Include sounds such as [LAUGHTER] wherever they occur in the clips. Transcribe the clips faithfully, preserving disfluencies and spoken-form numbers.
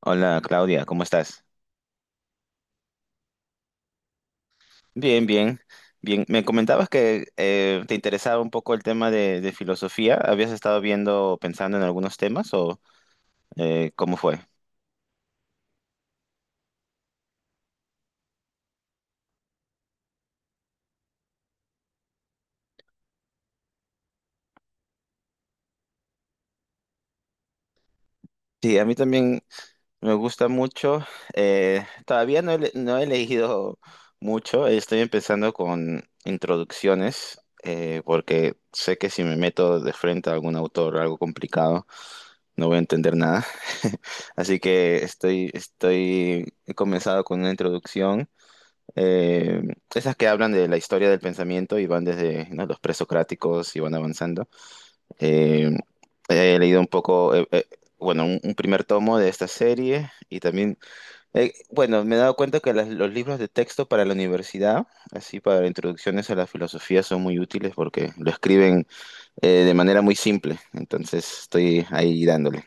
Hola Claudia, ¿cómo estás? Bien, bien, bien. Me comentabas que eh, te interesaba un poco el tema de, de filosofía. ¿Habías estado viendo, pensando en algunos temas o eh, cómo fue? Sí, a mí también me gusta mucho. Eh, todavía no he, le- No he leído mucho. Estoy empezando con introducciones eh, porque sé que si me meto de frente a algún autor o algo complicado, no voy a entender nada. [LAUGHS] Así que estoy, estoy, he comenzado con una introducción. eh, Esas que hablan de la historia del pensamiento y van desde, ¿no?, los presocráticos y van avanzando. Eh, he leído un poco, eh, eh, bueno, un, un primer tomo de esta serie y también, eh, bueno, me he dado cuenta que las- los libros de texto para la universidad, así para introducciones a la filosofía, son muy útiles porque lo escriben eh, de manera muy simple. Entonces estoy ahí dándole,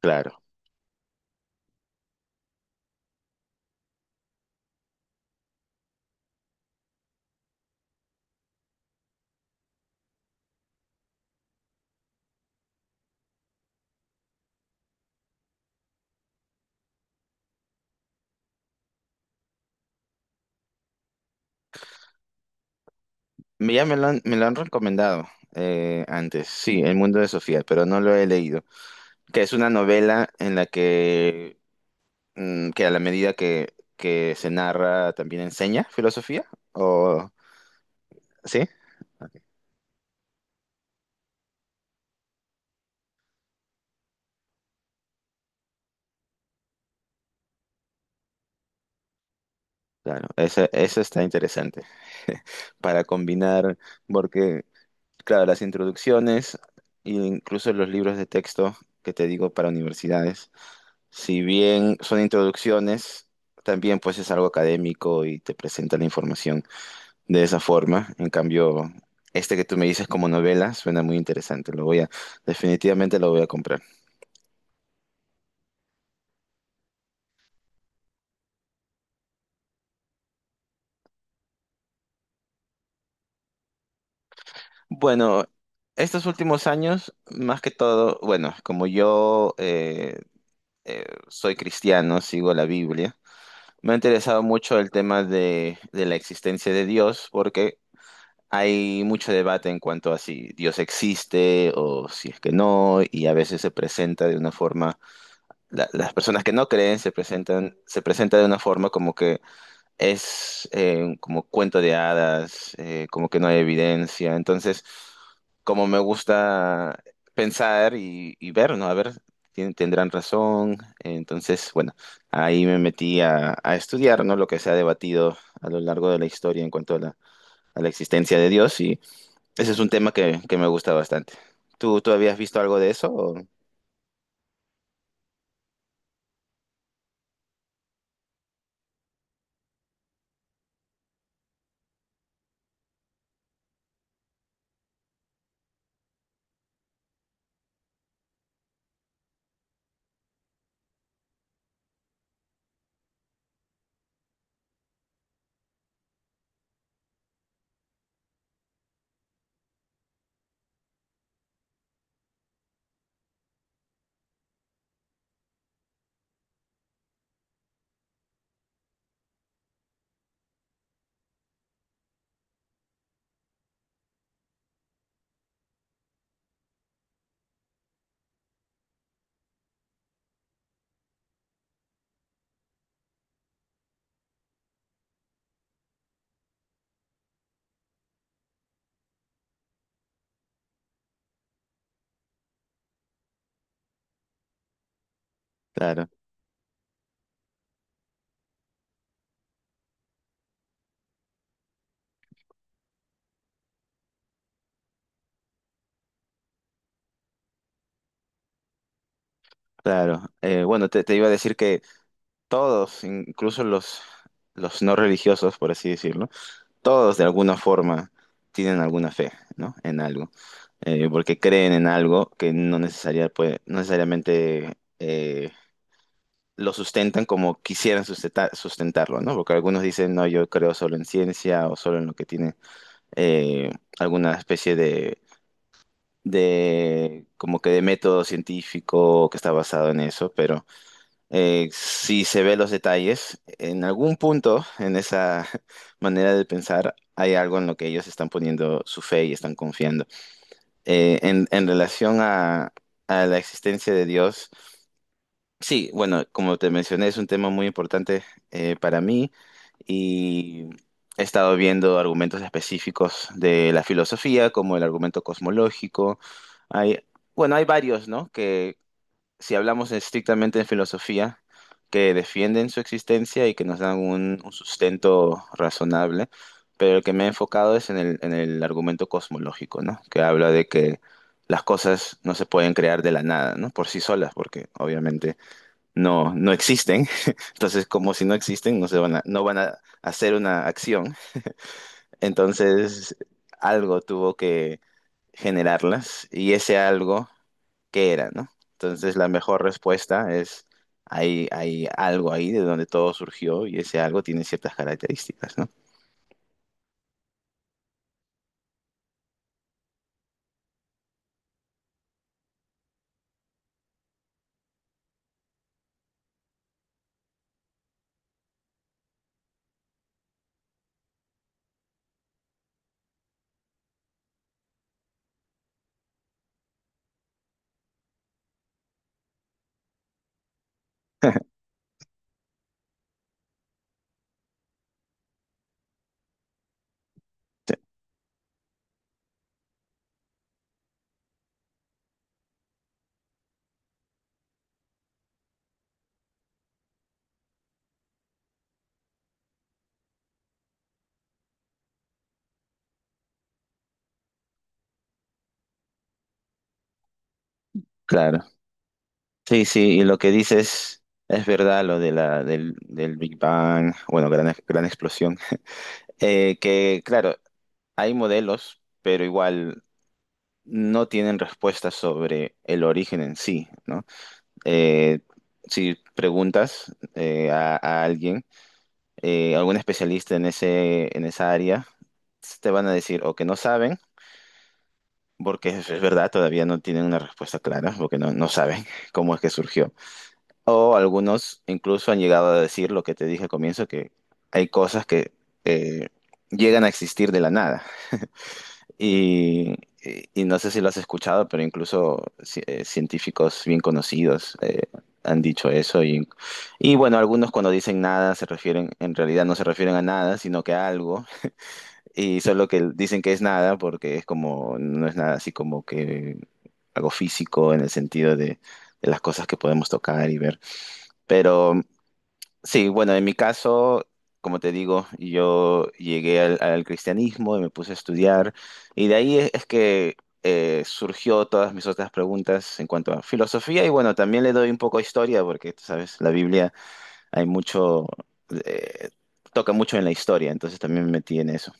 claro. Me- Ya me lo han, me lo han recomendado eh, antes, sí, El mundo de Sofía, pero no lo he leído. ¿Que es una novela en la que, mm, que a la medida que, que se narra también enseña filosofía, o sí? Ok. Claro, eso, eso está interesante para combinar, porque, claro, las introducciones e incluso los libros de texto que te digo para universidades, si bien son introducciones, también pues es algo académico y te presenta la información, de esa forma. En cambio, este que tú me dices como novela suena muy interesante. Lo voy a, definitivamente lo voy a comprar. Bueno, estos últimos años, más que todo, bueno, como yo eh, eh, soy cristiano, sigo la Biblia, me ha interesado mucho el tema de, de la existencia de Dios porque... Hay mucho debate en cuanto a si Dios existe o si es que no, y a veces se presenta de una forma la- las personas que no creen se presentan, se presenta de una forma como que es eh, como cuento de hadas, eh, como que no hay evidencia. Entonces, como me gusta pensar y, y ver, ¿no? A ver, tien- tendrán razón. Entonces, bueno, ahí me metí a, a estudiar, ¿no?, lo que se ha debatido a lo largo de la historia en cuanto a la, a la existencia de Dios y ese es un tema que, que me gusta bastante. ¿Tú, tú habías visto algo de eso, o? Claro, claro. Eh, bueno, te, te iba a decir que todos, incluso los, los no religiosos, por así decirlo, todos de alguna forma tienen alguna fe, ¿no? En algo. Eh, porque creen en algo que no necesaria- puede- no necesariamente eh, lo sustentan como quisieran sustenta- sustentarlo, ¿no? Porque algunos dicen, no, yo creo solo en ciencia o solo en lo que tiene eh, alguna especie de, de, como que de método científico que está basado en eso, pero... Eh, si se ve los detalles, en algún punto en esa [LAUGHS] manera de pensar hay algo en lo que ellos están poniendo su fe y están confiando. Eh, en, en relación a, a la existencia de Dios, sí, bueno, como te mencioné, es un tema muy importante eh, para mí y he estado viendo argumentos específicos de la filosofía, como el argumento cosmológico. Hay, bueno, hay varios, ¿no?, si hablamos estrictamente de filosofía, que defienden su existencia y que nos dan un, un sustento razonable, pero el que me he enfocado es en el, en el argumento cosmológico, ¿no? Que habla de que las cosas no se pueden crear de la nada, ¿no? Por sí solas, porque obviamente no, no existen. [LAUGHS] Entonces, como si no existen, no se van a, no van a hacer una acción. Entonces, algo tuvo que generarlas y ese algo qué era, ¿no? Entonces la mejor respuesta es, hay, hay algo ahí de donde todo surgió y ese algo tiene ciertas características, ¿no? [LAUGHS] Claro. Sí, sí, y lo que dices es verdad, lo de la, del, del Big Bang, bueno, gran, gran explosión. Eh, que claro, hay modelos, pero igual no tienen respuestas sobre el origen en sí, ¿no? Eh, si preguntas eh, a, a alguien, eh, algún especialista en ese, en esa área, te van a decir o que no saben, porque es, es verdad, todavía no tienen una respuesta clara, porque no, no saben [LAUGHS] cómo es que surgió. O algunos incluso han llegado a decir lo que te dije al comienzo, que hay cosas que eh, llegan a existir de la nada. Y, y- y no sé si lo has escuchado, pero incluso ci- eh, científicos bien conocidos eh, han dicho eso. Y, y bueno, algunos cuando dicen nada se refieren, en realidad no se refieren a nada, sino que a algo. Y solo que dicen que es nada porque es como, no es nada así como que algo físico en el sentido de, de las cosas que podemos tocar y ver. Pero sí, bueno, en mi caso, como te digo, yo llegué al, al cristianismo y me puse a estudiar. Y de ahí es, es que eh, surgió todas mis otras preguntas en cuanto a filosofía. Y bueno, también le doy un poco de historia porque, tú sabes, la Biblia hay mucho, eh, toca mucho en la historia, entonces también me metí en eso.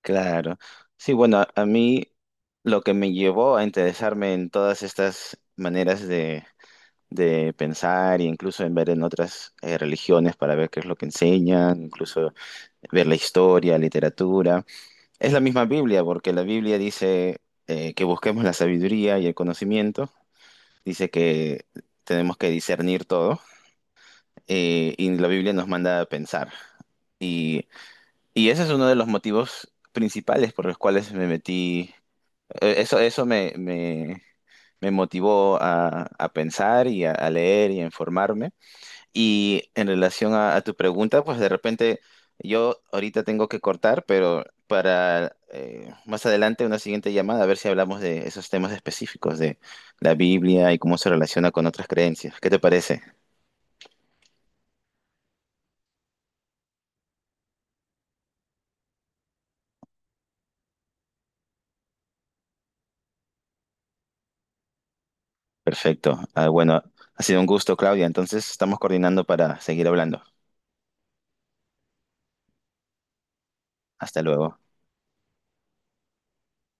Claro. Sí, bueno, a a mí lo que me llevó a interesarme en todas estas maneras de, de pensar e incluso en ver en otras eh, religiones para ver qué es lo que enseñan, incluso ver la historia, literatura, es la misma Biblia, porque la Biblia dice eh, que busquemos la sabiduría y el conocimiento, dice que tenemos que discernir todo, eh, y la Biblia nos manda a pensar. Y, y ese es uno de los motivos principales por los cuales me metí. Eh, Eso, eso me, me- me motivó a, a pensar y a, a leer y a informarme. Y en relación a, a tu pregunta, pues de repente yo ahorita tengo que cortar, pero para eh, más adelante una siguiente llamada, a ver si hablamos de esos temas específicos de la Biblia y cómo se relaciona con otras creencias. ¿Qué te parece? Perfecto. Ah, bueno, ha sido un gusto, Claudia. Entonces estamos coordinando para seguir hablando. Hasta luego.